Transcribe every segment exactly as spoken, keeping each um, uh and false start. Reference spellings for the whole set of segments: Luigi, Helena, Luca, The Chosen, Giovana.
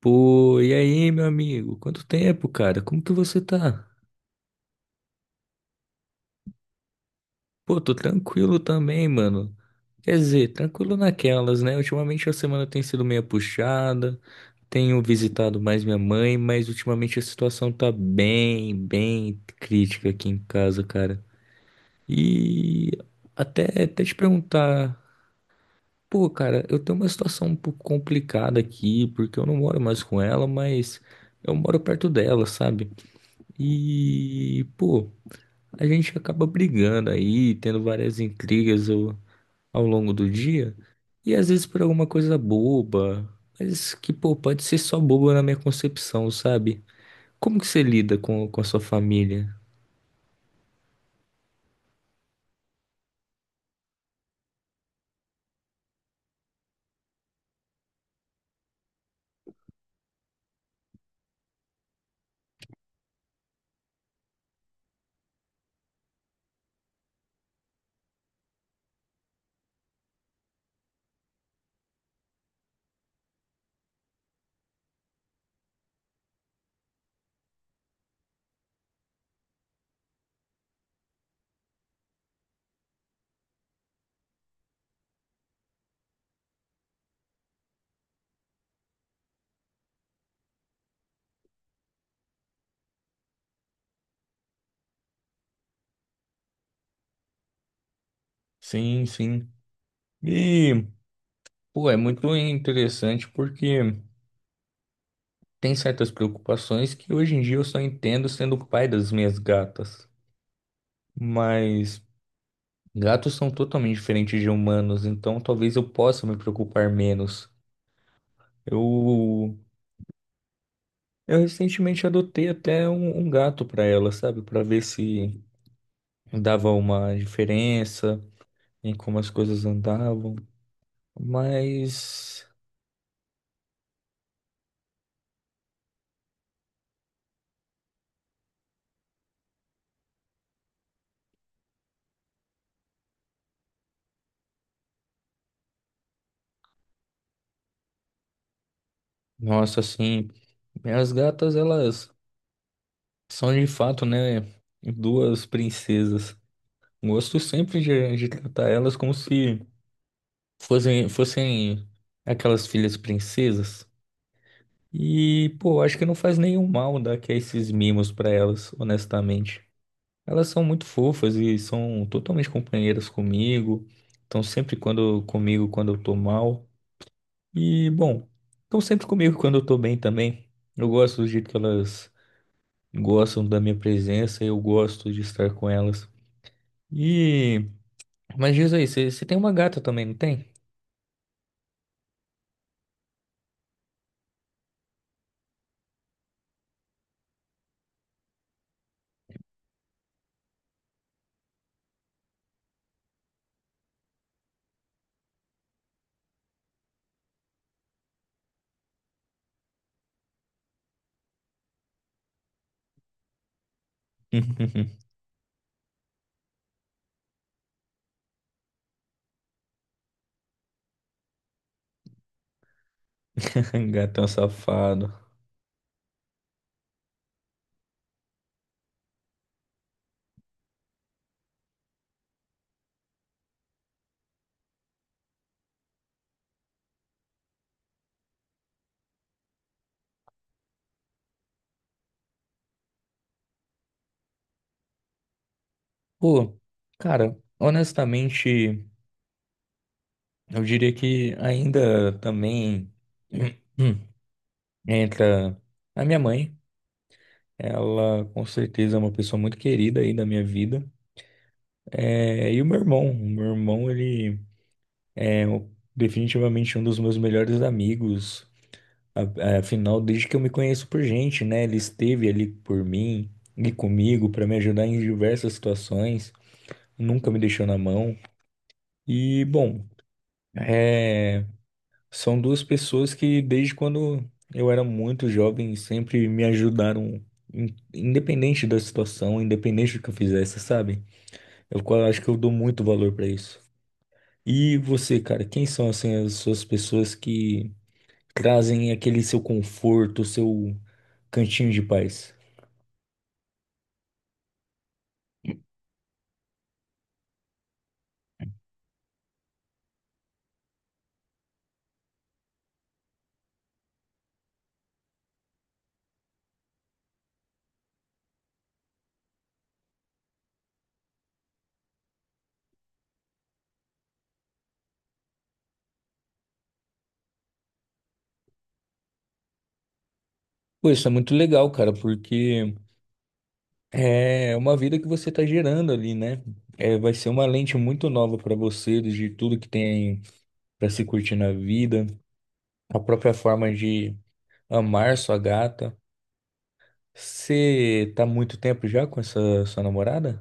Pô, e aí, meu amigo? Quanto tempo, cara? Como que você tá? Pô, tô tranquilo também, mano. Quer dizer, tranquilo naquelas, né? Ultimamente a semana tem sido meio puxada, tenho visitado mais minha mãe, mas ultimamente a situação tá bem, bem crítica aqui em casa, cara. E até, até te perguntar, pô, cara, eu tenho uma situação um pouco complicada aqui, porque eu não moro mais com ela, mas eu moro perto dela, sabe? E, pô, a gente acaba brigando aí, tendo várias intrigas ao, ao longo do dia, e às vezes por alguma coisa boba, mas que, pô, pode ser só boba na minha concepção, sabe? Como que você lida com, com a sua família? Sim, sim. E, pô, é muito interessante porque tem certas preocupações que hoje em dia eu só entendo sendo o pai das minhas gatas. Mas gatos são totalmente diferentes de humanos, então talvez eu possa me preocupar menos. Eu Eu recentemente adotei até um, um gato para ela, sabe? Para ver se dava uma diferença em como as coisas andavam. Mas, nossa, assim, as gatas, elas são de fato, né? Duas princesas. Gosto sempre de, de tratar elas como se fossem, fossem aquelas filhas princesas. E, pô, acho que não faz nenhum mal dar que esses mimos para elas, honestamente. Elas são muito fofas e são totalmente companheiras comigo. Estão sempre quando comigo quando eu tô mal. E, bom, estão sempre comigo quando eu tô bem também. Eu gosto do jeito que elas gostam da minha presença, eu gosto de estar com elas. E, mas diz aí, você tem uma gata também, não tem? Gatão safado. Pô, cara, honestamente, eu diria que ainda também entra a minha mãe. Ela, com certeza, é uma pessoa muito querida aí da minha vida. É, e o meu irmão, o meu irmão, ele é o- definitivamente um dos meus melhores amigos. A- é, afinal, desde que eu me conheço por gente, né? Ele esteve ali por mim e comigo para me ajudar em diversas situações. Nunca me deixou na mão. E, bom, é, são duas pessoas que, desde quando eu era muito jovem, sempre me ajudaram, in- independente da situação, independente do que eu fizesse, sabe? Eu co- acho que eu dou muito valor pra isso. E você, cara, quem são assim as suas pessoas que trazem aquele seu conforto, seu cantinho de paz? Pô, isso é muito legal, cara, porque é uma vida que você tá gerando ali, né? É, vai ser uma lente muito nova pra você, de tudo que tem pra se curtir na vida, a própria forma de amar sua gata. Você tá há muito tempo já com essa sua namorada?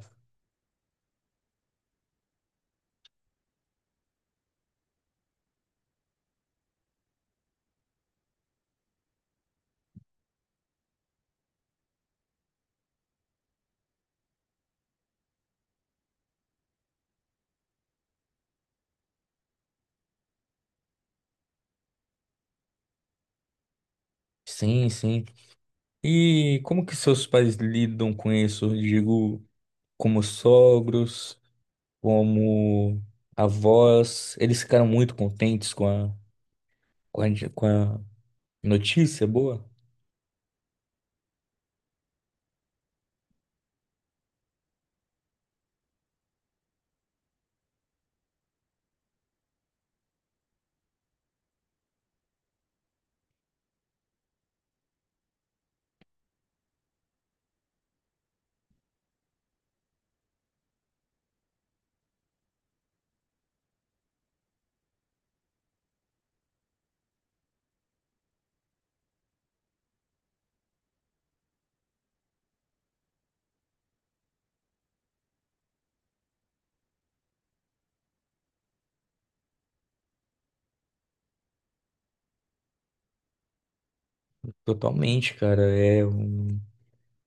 Sim, sim. E como que seus pais lidam com isso? Digo, como sogros, como avós, eles ficaram muito contentes com a, com a, com a notícia boa? Totalmente, cara. É, um-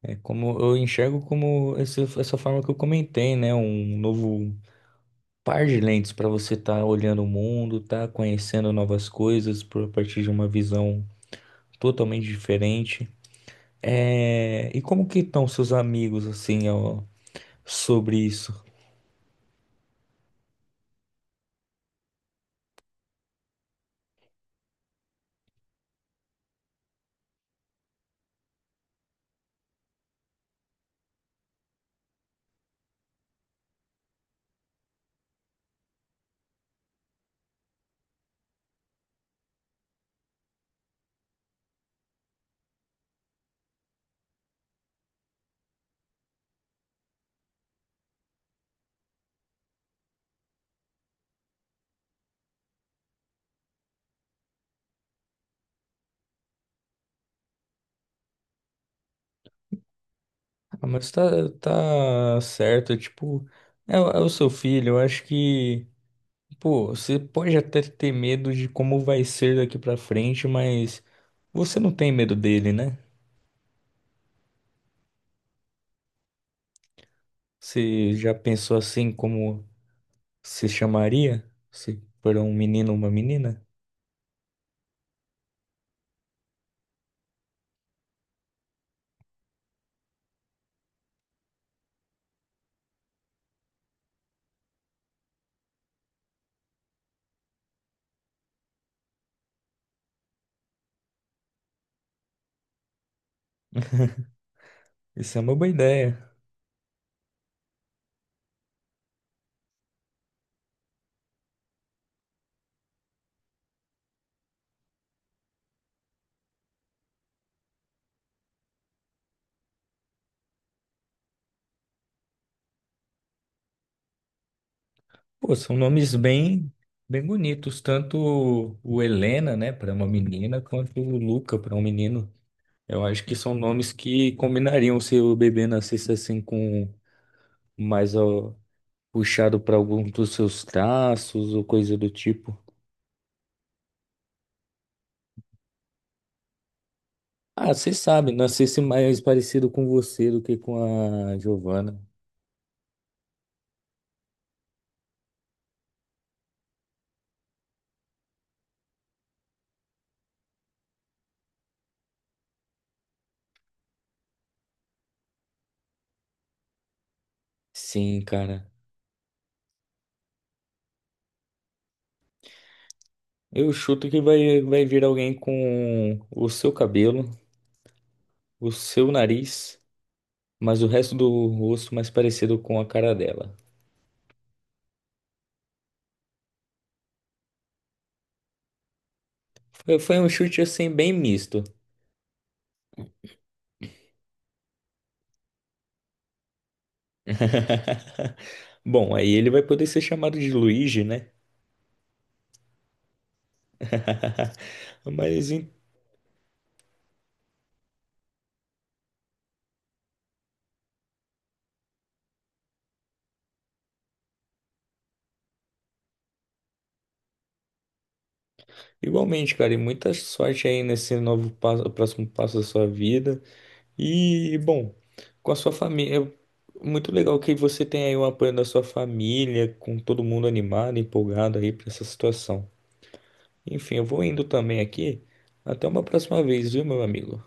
É como eu enxergo como esse, essa forma que eu comentei, né? Um novo par de lentes para você estar olhando o mundo, tá conhecendo novas coisas por, a partir de uma visão totalmente diferente. É, e como que estão seus amigos assim, ó? Sobre isso. Ah, mas tá, tá certo, tipo, é, o é o seu filho, eu acho que, pô, você pode até ter medo de como vai ser daqui pra frente, mas você não tem medo dele, né? Você já pensou assim como se chamaria? Se for um menino ou uma menina? Isso é uma boa ideia. Pô, são nomes bem, bem bonitos, tanto o Helena, né, para uma menina, quanto o Luca para um menino. Eu acho que são nomes que combinariam se o bebê nascesse assim com mais ó, puxado para algum dos seus traços ou coisa do tipo. Ah, você sabe, nascesse mais parecido com você do que com a Giovana. Sim, cara. Eu chuto que vai, vai vir alguém com o seu cabelo, o seu nariz, mas o resto do rosto mais parecido com a cara dela. Foi foi um chute assim bem misto. Bom, aí ele vai poder ser chamado de Luigi, né? Mas em- Igualmente, cara, e muita sorte aí nesse novo passo, próximo passo da sua vida. E, bom, com a sua família, é muito legal que você tem aí o apoio da sua família, com todo mundo animado, empolgado aí pra essa situação. Enfim, eu vou indo também aqui. Até uma próxima vez, viu, meu amigo?